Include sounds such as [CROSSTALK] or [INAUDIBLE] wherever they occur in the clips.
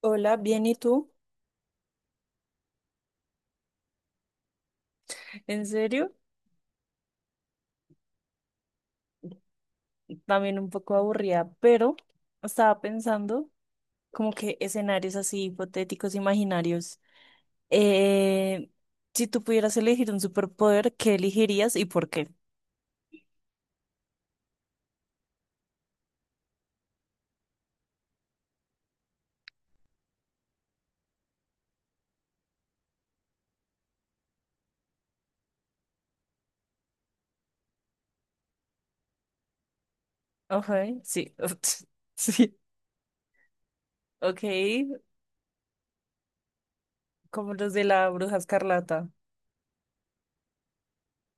Hola, bien, ¿y tú? En serio, también un poco aburrida, pero estaba pensando como que escenarios así hipotéticos, imaginarios. Eh, si tú pudieras elegir un superpoder, ¿qué elegirías y por qué? Ok, sí, [LAUGHS] sí, ok, como los de la Bruja Escarlata.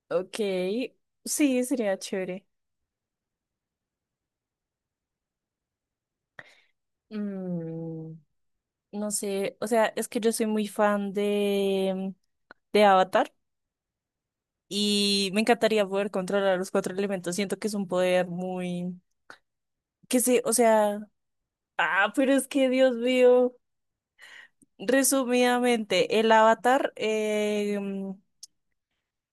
Ok, sí, sería chévere. Mm, no sé, o sea, es que yo soy muy fan de Avatar. Y me encantaría poder controlar los cuatro elementos. Siento que es un poder muy, que sé, o sea, ah, pero es que Dios mío. Resumidamente, el avatar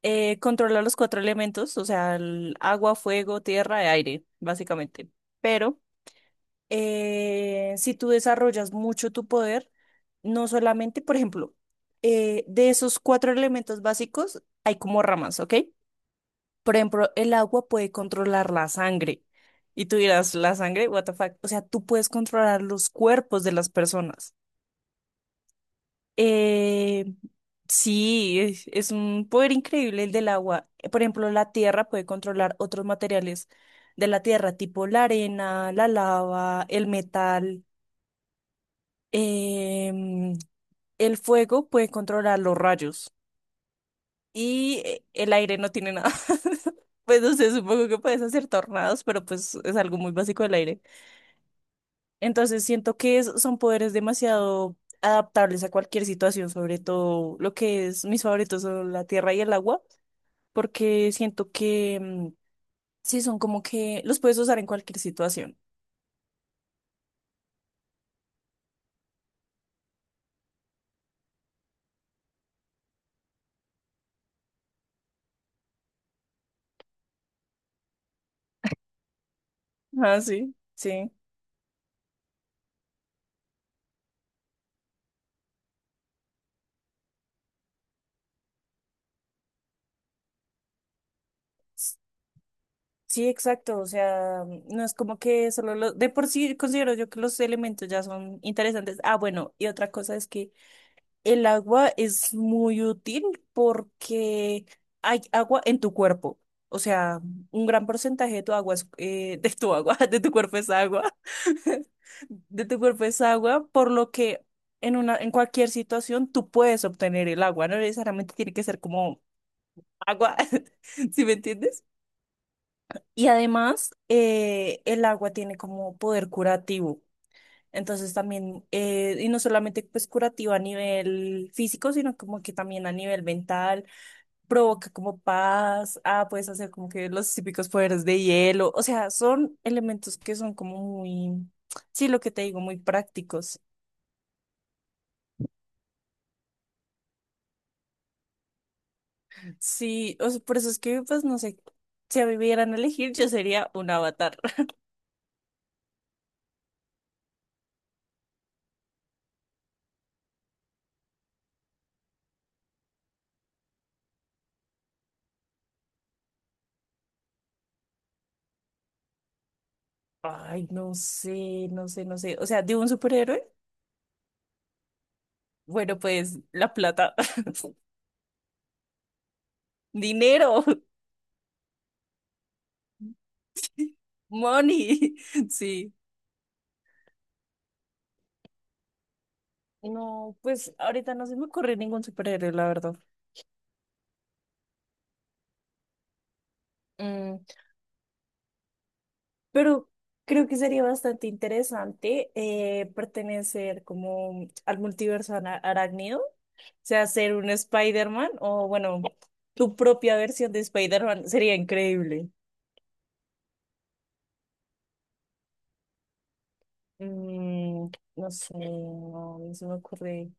controla los cuatro elementos, o sea, el agua, fuego, tierra y aire, básicamente. Pero si tú desarrollas mucho tu poder, no solamente, por ejemplo, de esos cuatro elementos básicos hay como ramas, ¿ok? Por ejemplo, el agua puede controlar la sangre. Y tú dirás, la sangre, what the fuck. O sea, tú puedes controlar los cuerpos de las personas. Eh, sí, es un poder increíble el del agua. Por ejemplo, la tierra puede controlar otros materiales de la tierra, tipo la arena, la lava, el metal. Em, el fuego puede controlar los rayos. Y el aire no tiene nada. [LAUGHS] Pues no sé, supongo que puedes hacer tornados, pero pues es algo muy básico del aire. Entonces siento que son poderes demasiado adaptables a cualquier situación, sobre todo lo que es mis favoritos son la tierra y el agua, porque siento que mm, sí son como que los puedes usar en cualquier situación. Ah, sí, sí. S- Sí, exacto. O sea, mm, no es como que solo los... De por sí considero yo que los elementos ya son interesantes. Ah, bueno, y otra cosa es que el agua es muy útil porque hay agua en tu cuerpo. O sea, un gran porcentaje de tu agua es, [LAUGHS] [LAUGHS] de tu cuerpo es agua. [LAUGHS] De tu cuerpo es agua, por lo que en cualquier situación tú puedes obtener el agua. No necesariamente tiene que ser como agua, [LAUGHS] ¿sí me entiendes? Y además, el agua tiene como poder curativo. Entonces también, y no solamente pues curativo a nivel físico, sino como que también a nivel mental, provoca como paz, ah, puedes hacer como que los típicos poderes de hielo, o sea, son elementos que son como muy, sí, lo que te digo, muy prácticos. Sí, o sea, por eso es que pues no sé, si a mí me dieran a elegir, yo sería un avatar. [LAUGHS] Ay, no sé, no sé, no sé, o sea, de un superhéroe, bueno, pues la plata, [LAUGHS] dinero, money, [LAUGHS] sí. No, pues ahorita no se me ocurre ningún superhéroe, la verdad. Mm, pero creo que sería bastante interesante pertenecer como al multiverso arácnido, o sea, ser un Spider-Man o bueno, tu propia versión de Spider-Man sería increíble. Mm, no sé, no se me ocurre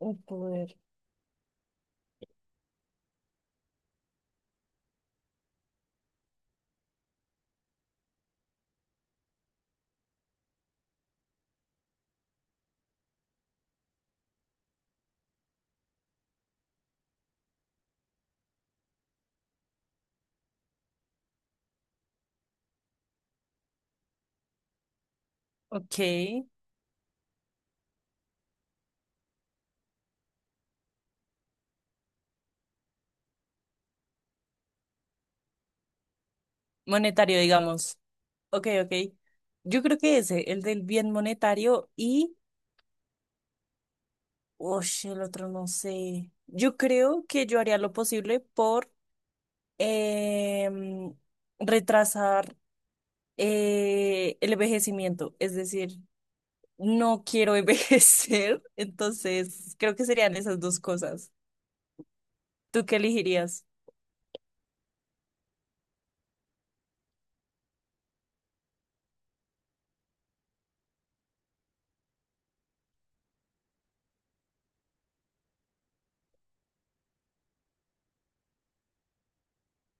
un poder. Ok, monetario, digamos. Ok, ok. Yo creo que ese, el del bien monetario y... oye el otro no sé. Yo creo que yo haría lo posible por em, retrasar el envejecimiento. Es decir, no quiero envejecer, [LAUGHS] entonces creo que serían esas dos cosas. ¿Tú qué elegirías?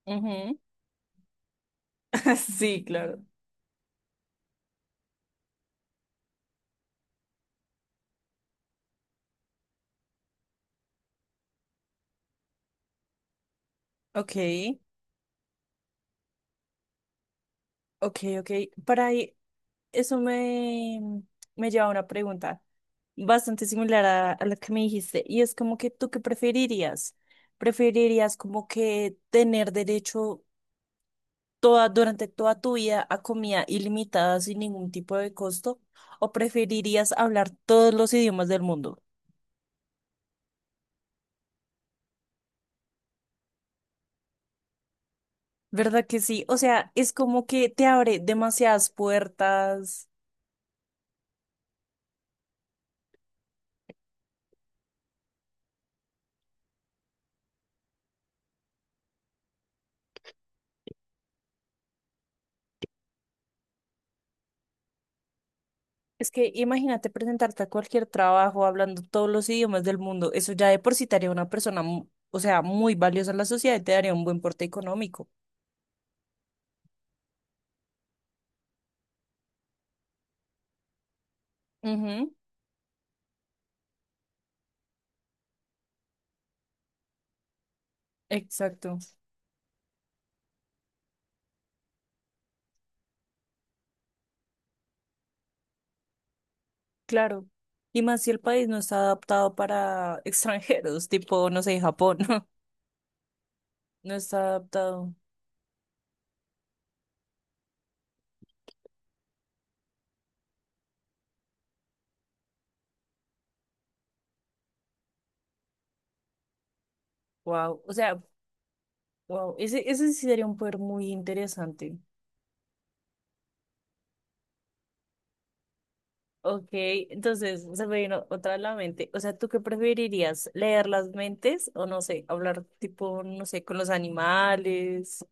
Ujú. [LAUGHS] Sí, claro. Ok, ok, ok. Para ahí. Eso me, me lleva a una pregunta bastante similar a la que me dijiste, y es como que ¿tú qué preferirías? ¿Preferirías como que tener derecho durante toda tu vida a comida ilimitada sin ningún tipo de costo? ¿O preferirías hablar todos los idiomas del mundo? ¿Verdad que sí? O sea, es como que te abre demasiadas puertas. Es que imagínate presentarte a cualquier trabajo hablando todos los idiomas del mundo. Eso ya de por sí te haría una persona, o sea, muy valiosa en la sociedad y te daría un buen porte económico. Ujú, exacto, claro. Y más si el país no está adaptado para extranjeros, tipo, no sé, Japón, [LAUGHS] no está adaptado. Wow, o sea, wow, ese sí sería un poder muy interesante. Ok, entonces se me vino otra a la mente. O sea, ¿tú qué preferirías? ¿Leer las mentes o no sé, hablar tipo, no sé, con los animales?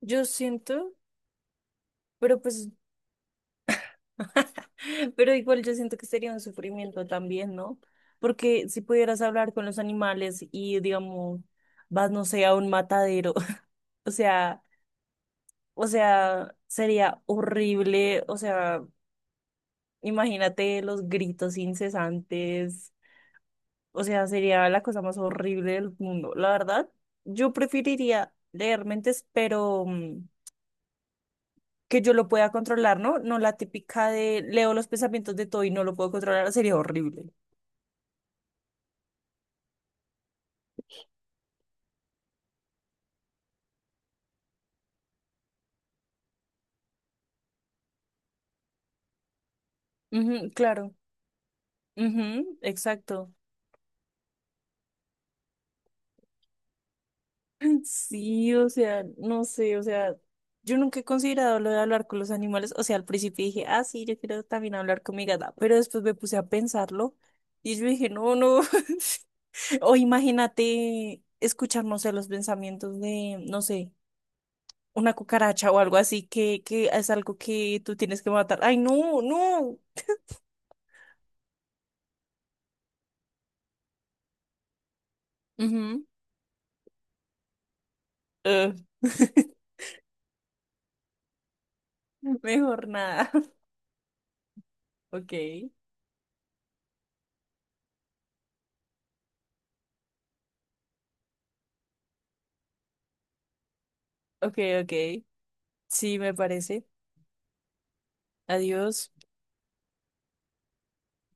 Yo siento, pero pues, [LAUGHS] pero igual yo siento que sería un sufrimiento también, ¿no? Porque si pudieras hablar con los animales y, digamos, vas, no sé, a un matadero, [LAUGHS] o sea, o sea, sería horrible, o sea, imagínate los gritos incesantes. O sea, sería la cosa más horrible del mundo. La verdad, yo preferiría leer mentes, pero mm, que yo lo pueda controlar, ¿no? No la típica de leo los pensamientos de todo y no lo puedo controlar, sería horrible. Ujú, claro. Ujú, exacto. [CLEARS THROAT] [LAUGHS] Sí, o sea, no sé, o sea, yo nunca he considerado lo de hablar con los animales. O sea, al principio dije, ah, sí, yo quiero también hablar con mi gata, pero después me puse a pensarlo y yo dije, no, no. [LAUGHS] O imagínate escucharnos no los pensamientos de, no sé, una cucaracha o algo así, que es algo que tú tienes que matar. Ay, no, no. Ujú. Ugh. [LAUGHS] Mejor nada. [LAUGHS] Ok, ok, ok. Sí, me parece. Adiós.